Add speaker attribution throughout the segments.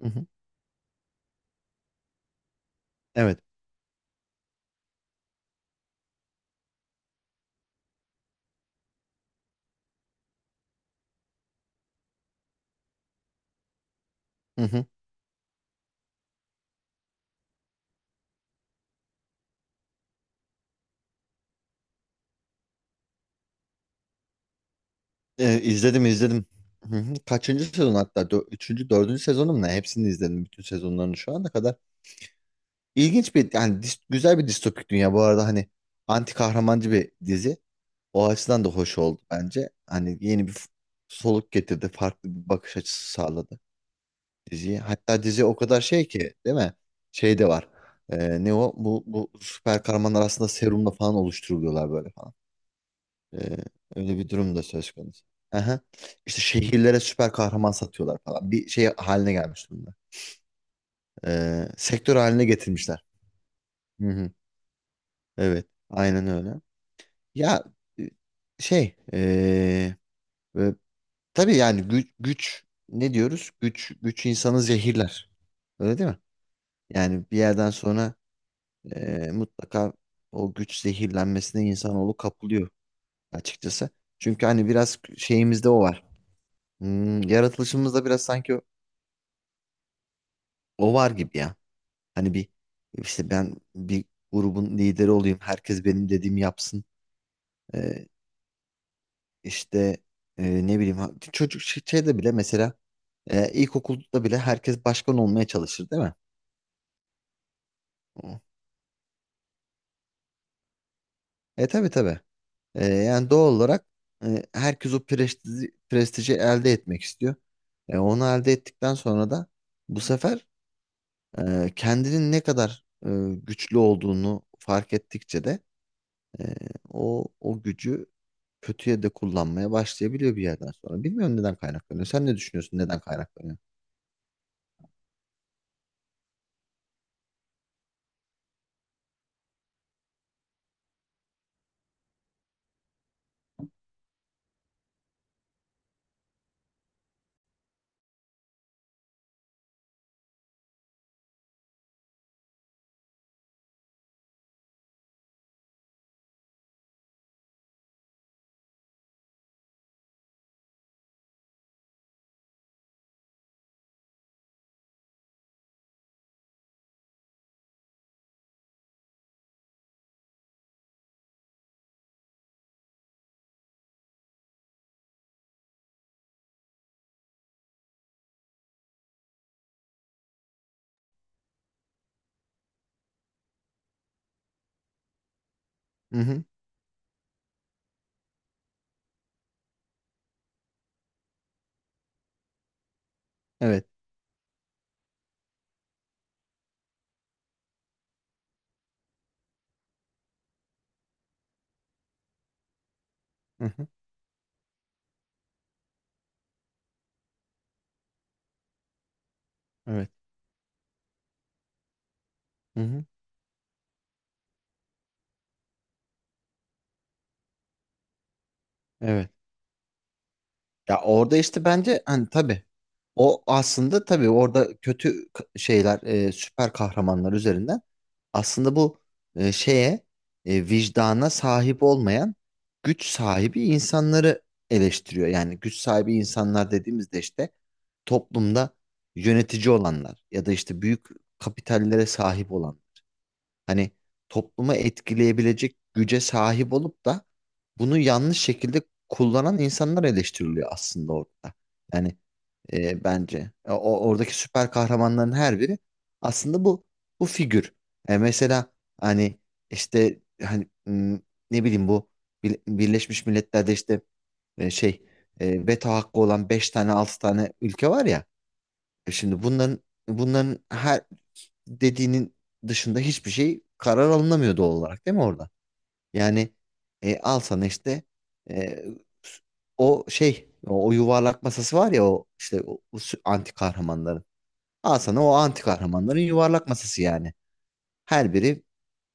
Speaker 1: Hı hı. Evet. Hı hı. İzledim izledim. Hı hı. Kaçıncı sezon hatta? Üçüncü, dördüncü sezonum ne? Hepsini izledim. Bütün sezonlarını şu ana kadar. İlginç bir, yani güzel bir distopik dünya. Bu arada hani anti kahramancı bir dizi. O açıdan da hoş oldu bence. Hani yeni bir soluk getirdi. Farklı bir bakış açısı sağladı diziye. Hatta dizi o kadar şey ki değil mi? Şey de var. Ne o? Bu süper kahramanlar aslında serumla falan oluşturuluyorlar böyle. Ee, Öyle bir durum da söz konusu. Aha. İşte şehirlere süper kahraman satıyorlar falan. Bir şey haline gelmiş durumda. Sektör haline getirmişler. Hı hı. Evet. Aynen öyle. Ya, e, şey ee, e, tabii yani güç ne diyoruz? Güç insanı zehirler. Öyle değil mi? Yani bir yerden sonra mutlaka o güç zehirlenmesine insanoğlu kapılıyor açıkçası. Çünkü hani biraz şeyimizde o var. Yaratılışımızda biraz sanki o var gibi ya. Hani bir işte ben bir grubun lideri olayım. Herkes benim dediğimi yapsın. Ee, işte ne bileyim çocuk şeyde bile mesela ilkokulda bile herkes başkan olmaya çalışır değil mi? Hı. Tabii tabii. Yani doğal olarak herkes o prestiji elde etmek istiyor. Onu elde ettikten sonra da bu sefer kendinin ne kadar güçlü olduğunu fark ettikçe de e, o gücü kötüye de kullanmaya başlayabiliyor bir yerden sonra. Bilmiyorum neden kaynaklanıyor. Sen ne düşünüyorsun neden kaynaklanıyor? Hı hı. Evet. Hı hı. Evet. Hı hı. Evet. Ya orada işte bence hani tabii o aslında tabii orada kötü şeyler, süper kahramanlar üzerinden aslında bu şeye, vicdana sahip olmayan güç sahibi insanları eleştiriyor. Yani güç sahibi insanlar dediğimizde işte toplumda yönetici olanlar ya da işte büyük kapitallere sahip olanlar, hani toplumu etkileyebilecek güce sahip olup da bunu yanlış şekilde kullanan insanlar eleştiriliyor aslında orada. Yani bence oradaki süper kahramanların her biri aslında bu figür. Mesela hani işte hani, ne bileyim, bu Birleşmiş Milletler'de işte e, şey veto hakkı olan 5 tane 6 tane ülke var ya. Şimdi bunların her dediğinin dışında hiçbir şey karar alınamıyor doğal olarak değil mi orada? Yani al sana işte e, o yuvarlak masası var ya, o işte anti kahramanların. Al sana o anti kahramanların yuvarlak masası yani. Her biri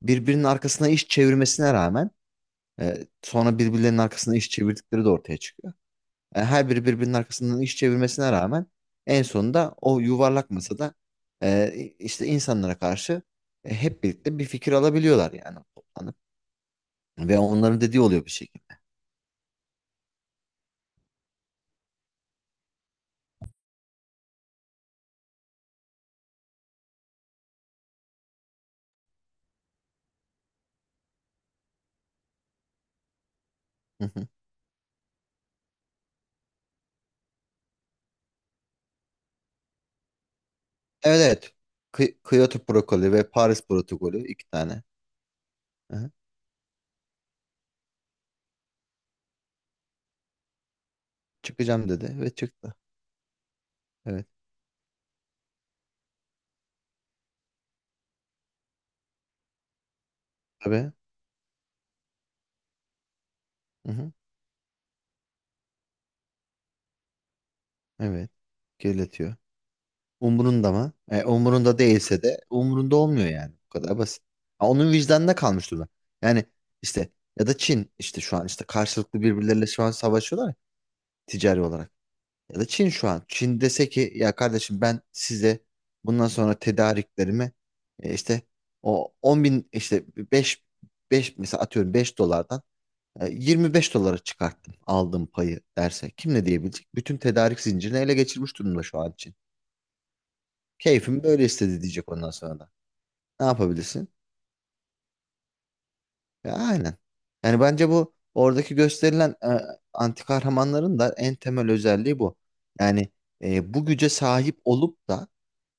Speaker 1: birbirinin arkasına iş çevirmesine rağmen sonra birbirlerinin arkasına iş çevirdikleri de ortaya çıkıyor. Her biri birbirinin arkasından iş çevirmesine rağmen en sonunda o yuvarlak masada işte insanlara karşı hep birlikte bir fikir alabiliyorlar yani toplanıp. Ve onların dediği oluyor bir şekilde. Hı hı. Evet, evet. Kyoto protokolü ve Paris protokolü, iki tane. Hı hı. Çıkacağım dedi ve çıktı. Evet. Tabii. Hı hı. Evet. Kirletiyor. Umurunda mı? Umurunda değilse de umurunda olmuyor yani. Bu kadar basit. Ha, onun vicdanına kalmış durumda. Yani işte ya da Çin işte şu an işte karşılıklı birbirleriyle şu an savaşıyorlar ya, ticari olarak. Ya da Çin şu an. Çin dese ki ya kardeşim, ben size bundan sonra tedariklerimi işte o 10 bin işte 5 5 mesela atıyorum 5 dolardan 25 dolara çıkarttım aldığım payı, derse kim ne diyebilecek? Bütün tedarik zincirini ele geçirmiş durumda şu an Çin. Keyfim böyle istedi diyecek ondan sonra da. Ne yapabilirsin? Ya aynen. Yani bence bu oradaki gösterilen anti kahramanların da en temel özelliği bu. Yani bu güce sahip olup da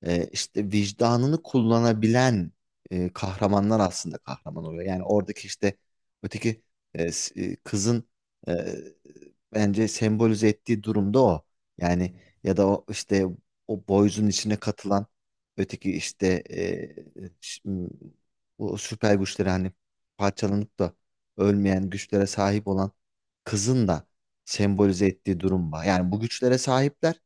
Speaker 1: işte vicdanını kullanabilen kahramanlar aslında kahraman oluyor. Yani oradaki işte öteki kızın e, bence sembolize ettiği durumda o. Yani ya da o işte o boyzun içine katılan öteki işte e, ş- m- o süper güçlere hani parçalanıp da ölmeyen güçlere sahip olan kızın da sembolize ettiği durum var. Yani bu güçlere sahipler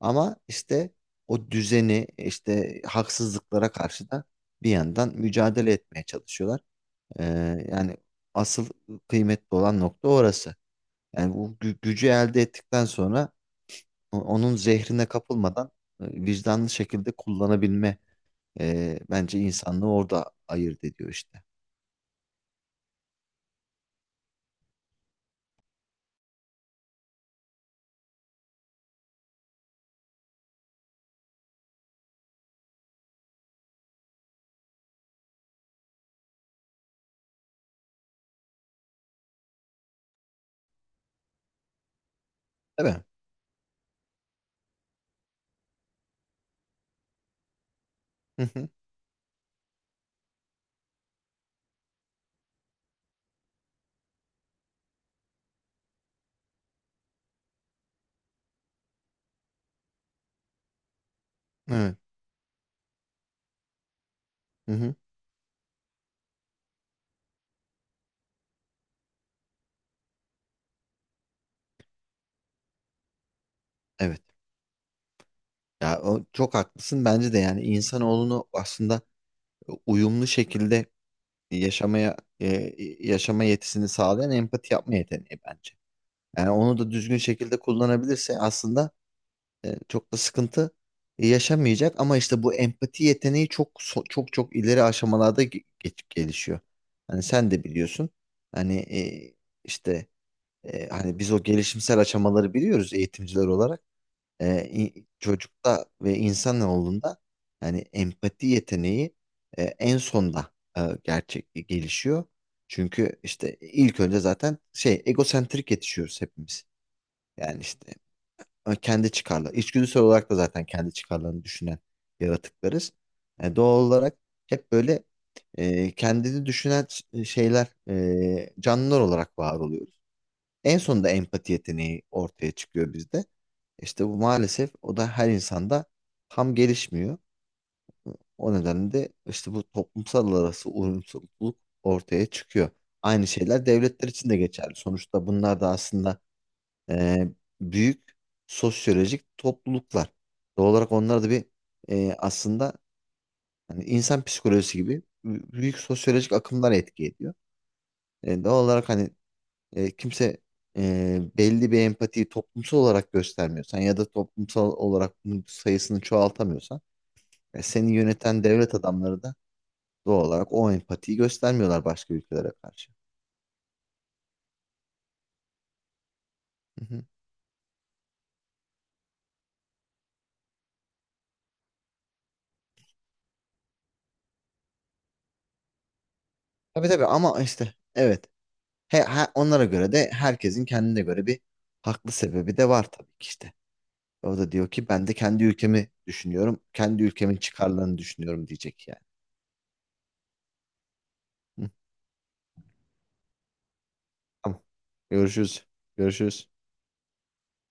Speaker 1: ama işte o düzeni, işte haksızlıklara karşı da bir yandan mücadele etmeye çalışıyorlar. Ee, Yani asıl kıymetli olan nokta orası. Yani bu gücü elde ettikten sonra onun zehrine kapılmadan vicdanlı şekilde kullanabilme bence insanlığı orada ayırt ediyor işte. Değil mi? Hı hı. Evet. Hı hı. Evet. Ya o çok haklısın bence de, yani insanoğlunu aslında uyumlu şekilde yaşamaya e, yaşama yetisini sağlayan empati yapma yeteneği bence. Yani onu da düzgün şekilde kullanabilirse aslında çok da sıkıntı yaşamayacak ama işte bu empati yeteneği çok çok çok ileri aşamalarda gelişiyor. Hani sen de biliyorsun. Hani işte hani biz o gelişimsel aşamaları biliyoruz eğitimciler olarak. Çocukta ve insanoğlunda yani empati yeteneği en sonda gerçek gelişiyor. Çünkü işte ilk önce zaten şey egosentrik yetişiyoruz hepimiz. Yani işte kendi çıkarlar. İçgüdüsel olarak da zaten kendi çıkarlarını düşünen yaratıklarız. Doğal olarak hep böyle kendini düşünen şeyler, canlılar olarak var oluyoruz. En sonunda empati yeteneği ortaya çıkıyor bizde. İşte bu maalesef o da her insanda tam gelişmiyor. O nedenle de işte bu toplumsal arası uyumsuzluk ortaya çıkıyor. Aynı şeyler devletler için de geçerli. Sonuçta bunlar da aslında e, büyük sosyolojik topluluklar. Doğal olarak onlar da bir, aslında hani insan psikolojisi gibi büyük sosyolojik akımlar etki ediyor. Doğal olarak hani kimse, belli bir empatiyi toplumsal olarak göstermiyorsan ya da toplumsal olarak bunun sayısını çoğaltamıyorsan seni yöneten devlet adamları da doğal olarak o empatiyi göstermiyorlar başka ülkelere karşı. Hı hı. Tabii tabii, ama işte evet. Onlara göre de herkesin kendine göre bir haklı sebebi de var tabii ki işte. O da diyor ki ben de kendi ülkemi düşünüyorum. Kendi ülkemin çıkarlarını düşünüyorum diyecek yani. Hı, tamam. Görüşürüz. Görüşürüz.